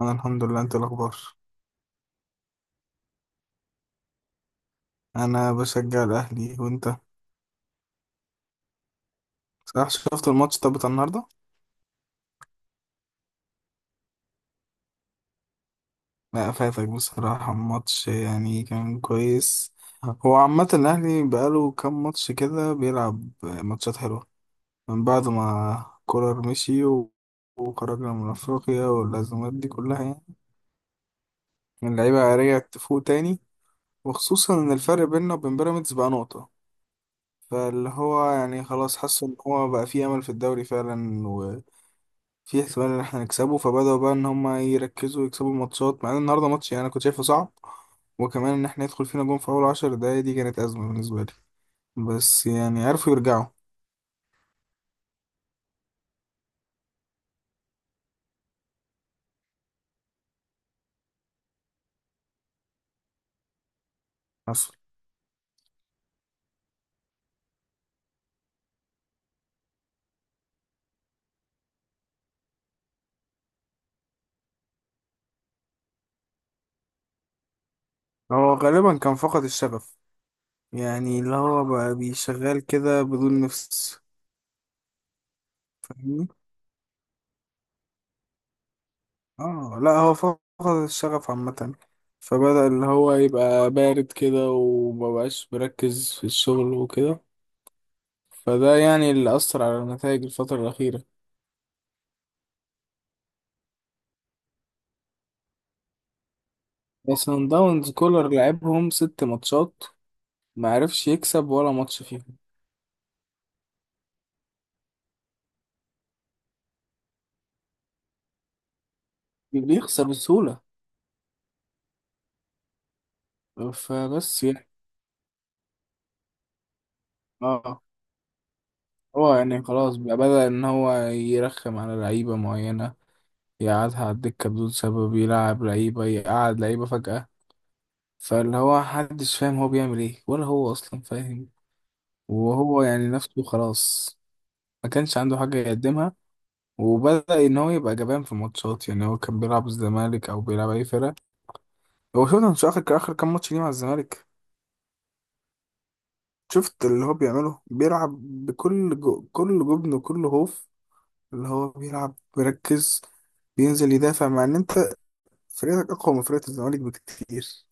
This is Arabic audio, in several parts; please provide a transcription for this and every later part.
انا الحمد لله. انت إيه الاخبار؟ انا بشجع الاهلي، وانت؟ صح، شفت الماتش طب بتاع النهارده؟ لا فاتك بصراحه الماتش، يعني كان كويس. هو عامه الاهلي بقاله كام ماتش كده بيلعب ماتشات حلوه، من بعد ما كولر مشي وخرجنا من افريقيا والازمات دي كلها، يعني اللعيبه رجعت تفوق تاني. وخصوصا ان الفرق بيننا وبين بيراميدز بقى نقطه، فاللي هو يعني خلاص حاسس ان هو بقى فيه امل في الدوري فعلا، في احتمال ان احنا نكسبه. فبدأوا بقى ان هم يركزوا يكسبوا الماتشات، مع ان النهارده ماتش يعني انا كنت شايفه صعب. وكمان ان احنا يدخل فينا جون في اول 10 دقايق، دي كانت ازمه بالنسبه لي. بس يعني عرفوا يرجعوا. حصل. هو غالبا كان فقد الشغف، يعني اللي هو بقى بيشغال كده بدون نفس. فاهمني، اه لا هو فقد الشغف عامه، فبدأ اللي هو يبقى بارد كده ومبقاش مركز في الشغل وكده. فده يعني اللي أثر على النتائج الفترة الأخيرة. سان داونز كولر لعبهم ست ماتشات، ما عرفش يكسب ولا ماتش فيهم. بيخسر بسهولة. فبس يعني اه هو يعني خلاص بقى بدأ إن هو يرخم على لعيبة معينة، يقعدها على الدكة بدون سبب، يلعب لعيبة يقعد لعيبة فجأة. فاللي هو محدش فاهم هو بيعمل ايه، ولا هو أصلا فاهم. وهو يعني نفسه خلاص، ما كانش عنده حاجة يقدمها. وبدأ إن هو يبقى جبان في ماتشات، يعني هو كان بيلعب الزمالك أو بيلعب أي فرقة. هو شفت مش اخر اخر كام ماتش ليه مع الزمالك، شفت اللي هو بيعمله بيلعب بكل كل جبن وكل خوف. اللي هو بيلعب بيركز، بينزل يدافع، مع ان انت فريقك اقوى من فريق الزمالك بكتير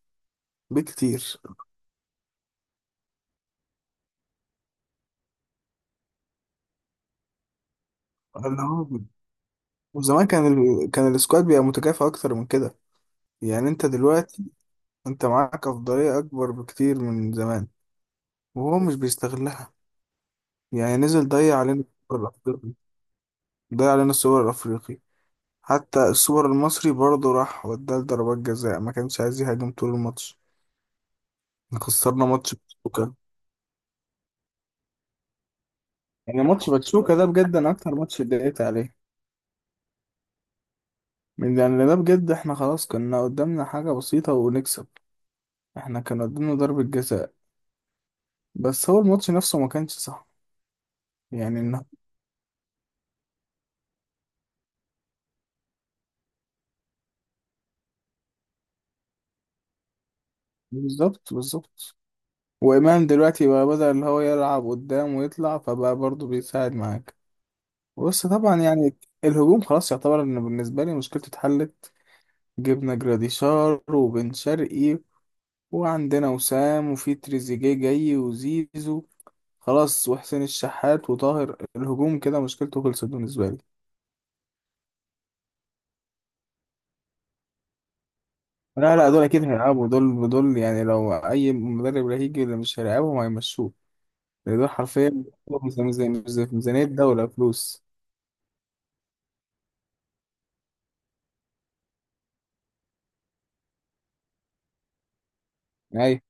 بكتير. اللي هو وزمان كان كان السكواد بيبقى متكافئ اكتر من كده. يعني انت دلوقتي انت معاك افضلية اكبر بكتير من زمان، وهو مش بيستغلها. يعني نزل ضيع علينا السوبر الافريقي، ضيع علينا السوبر الافريقي. حتى السوبر المصري برضه راح، وداه لضربات جزاء، ما كانش عايز يهاجم طول الماتش. إحنا خسرنا ماتش باتشوكا. يعني ماتش باتشوكا ده بجد انا اكتر ماتش اتضايقت عليه. من يعني ده بجد احنا خلاص كنا قدامنا حاجة بسيطة ونكسب. احنا كان قدامنا ضربة جزاء، بس هو الماتش نفسه ما كانش صح. يعني انه بالظبط بالظبط. وإمام دلوقتي بقى بدأ اللي هو يلعب قدام ويطلع، فبقى برضه بيساعد معاك. بص طبعا يعني الهجوم خلاص يعتبر ان بالنسبة لي مشكلته اتحلت. جبنا جراديشار وبن شرقي، وعندنا وسام، وفي تريزيجيه جاي، وزيزو، خلاص، وحسين الشحات وطاهر. الهجوم كده مشكلته خلصت بالنسبة لي. لا لا، دول أكيد هيلعبوا. دول دول يعني لو أي مدرب لا هيجي اللي مش هيلعبهم هيمشوه، لأن دول حرفيا ميزانية ميزانية ميزانية دولة فلوس. أيوة،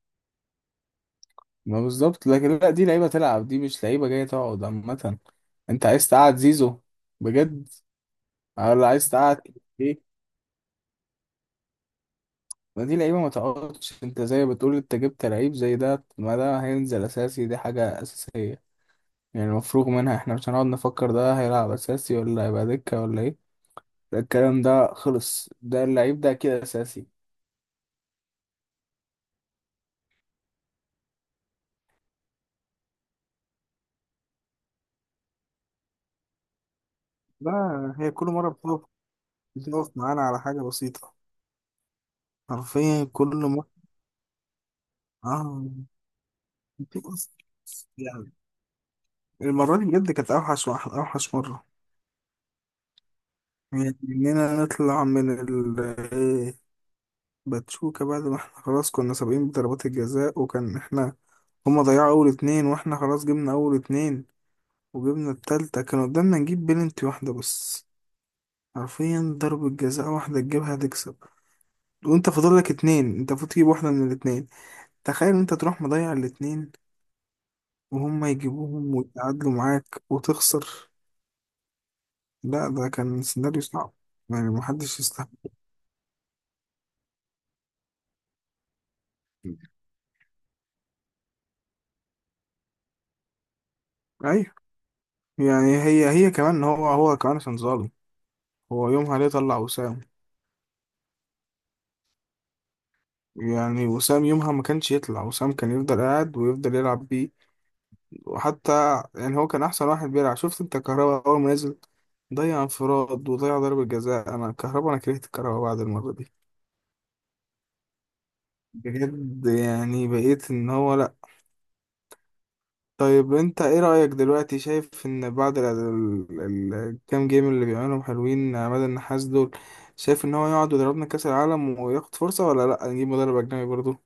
ما بالظبط. لكن لا، دي لعيبة تلعب، دي مش لعيبة جاية تقعد عامة. أنت عايز تقعد زيزو بجد ولا عايز تقعد؟ إيه؟ ما دي لعيبه ما تقعدش. انت زي ما بتقول، انت جبت لعيب زي ده، ما ده هينزل اساسي، دي حاجه اساسيه. يعني مفروغ منها، احنا مش هنقعد نفكر ده هيلعب اساسي ولا هيبقى دكه ولا ايه. لا، الكلام ده خلص. ده اللعيب ده كده اساسي. لا هي كل مرة بتقف معانا على حاجة بسيطة. حرفيا كل مرة، اه، بتقف. يعني المرة دي بجد كانت أوحش واحد، أوحش مرة. يعني إننا نطلع من باتشوكا بعد ما احنا خلاص كنا سابقين بضربات الجزاء، وكان احنا هما ضيعوا اول اتنين، واحنا خلاص جبنا اول اتنين، وجبنا التالتة، كان قدامنا نجيب بلنتي واحدة بس. حرفيا ضربة جزاء واحدة تجيبها تكسب، وانت فاضل لك اتنين. انت المفروض تجيب واحدة من الاتنين. تخيل انت تروح مضيع الاتنين، وهما يجيبوهم ويتعادلوا معاك وتخسر. لا ده كان سيناريو صعب. يعني محدش يستحمل. ايوه، يعني هي كمان هو كمان، عشان ظالم. هو يومها ليه طلع وسام؟ يعني وسام يومها ما كانش يطلع، وسام كان يفضل قاعد ويفضل يلعب بيه. وحتى يعني هو كان احسن واحد بيلعب. شفت انت كهربا اول ما نزل، ضيع انفراد وضيع ضربة جزاء. انا كهربا انا كرهت كهربا بعد المرة دي، بجد. يعني بقيت ان هو لا. طيب انت ايه رأيك دلوقتي؟ شايف ان بعد الكام جيم اللي بيعملهم حلوين عماد النحاس دول، شايف ان هو يقعد ويضربنا كأس العالم وياخد فرصة، ولا لا نجيب مدرب اجنبي برضه؟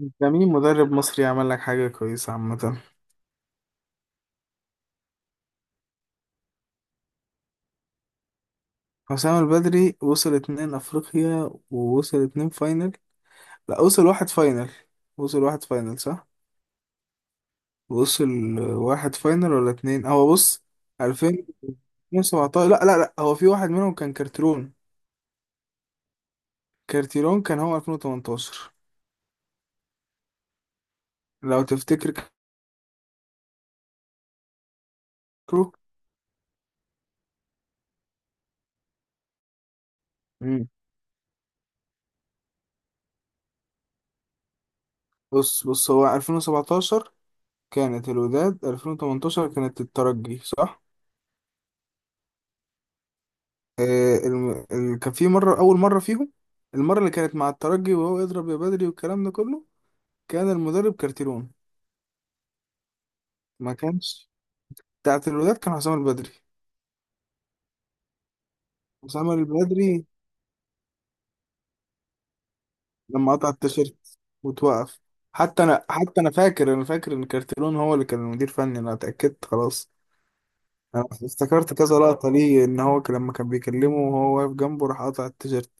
انت مين مدرب مصري عمل لك حاجة كويسة عامة؟ حسام البدري وصل اتنين افريقيا، ووصل اتنين فاينل. لا وصل واحد فاينل. وصل واحد فاينل صح. وصل واحد فاينل ولا اتنين؟ هو بص، 2017. لا لا لا، هو في واحد منهم كان كارتيرون. كارتيرون كان هو 2018، لو تفتكر. كارتيرون. مم. بص بص، هو 2017 كانت الوداد، 2018 كانت الترجي، صح. آه الم... كان في مرة. أول مرة فيهم، المرة اللي كانت مع الترجي، وهو يضرب يا بدري والكلام ده كله، كان المدرب كارتيرون. ما كانش. بتاعت الولاد كان حسام البدري. حسام البدري لما قطع التيشيرت وتوقف. حتى انا فاكر انا فاكر ان كارتيرون هو اللي كان المدير فني. انا اتاكدت خلاص. انا افتكرت كذا لقطه ليه، ان هو لما كان بيكلمه وهو واقف جنبه راح قطع التيشيرت.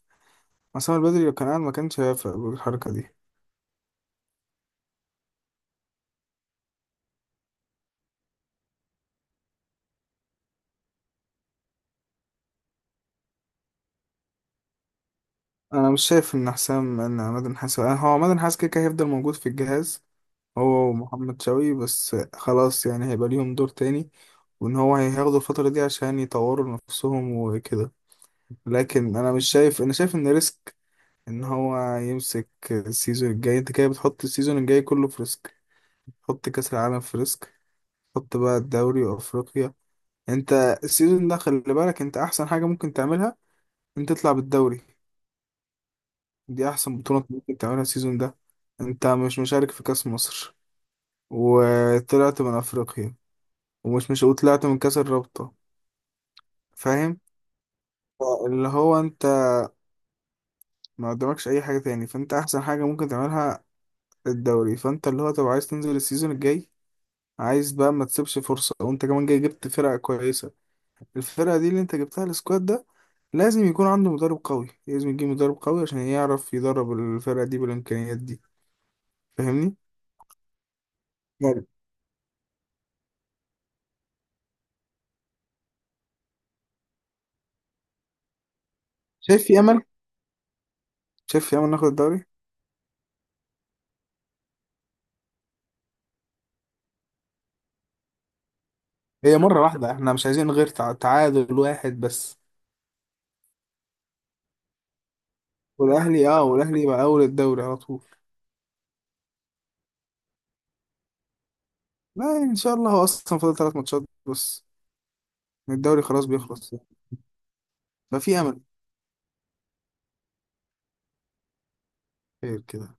حسام البدري لو كان قاعد ما كانش هيوافق بالحركه دي. انا مش شايف ان حسام ان عماد النحاس هو عماد النحاس كده كده هيفضل موجود في الجهاز، هو ومحمد شوقي، بس خلاص يعني هيبقى ليهم دور تاني، وان هو هياخدوا الفترة دي عشان يطوروا نفسهم وكده. لكن انا مش شايف انا شايف ان ريسك ان هو يمسك السيزون الجاي. انت كده بتحط السيزون الجاي كله في ريسك. حط كأس العالم في ريسك. حط بقى الدوري وافريقيا. انت السيزون ده خلي بالك، انت احسن حاجة ممكن تعملها انت تطلع بالدوري. دي احسن بطولة ممكن تعملها السيزون ده. انت مش مشارك في كأس مصر، وطلعت من افريقيا، ومش مش وطلعت من كاس الرابطة. فاهم. اللي هو انت ما قدامكش اي حاجة تاني، فانت احسن حاجة ممكن تعملها الدوري. فانت اللي هو طب عايز تنزل السيزون الجاي، عايز بقى ما تسيبش فرصة، وانت كمان جاي جبت فرقة كويسة. الفرقة دي اللي انت جبتها، السكواد ده، لازم يكون عنده مدرب قوي، لازم يجيب مدرب قوي عشان يعرف يدرب الفرقة دي بالامكانيات دي. فاهمني؟ يعني شايف في امل، شايف في امل ناخد الدوري. هي مرة واحدة، احنا مش عايزين غير تعادل واحد بس. والاهلي، اه، والاهلي يبقى اول الدوري على طول. لا يعني ان شاء الله هو اصلا فاضل ثلاث ماتشات بس من الدوري، خلاص بيخلص. ففي امل. خير كده.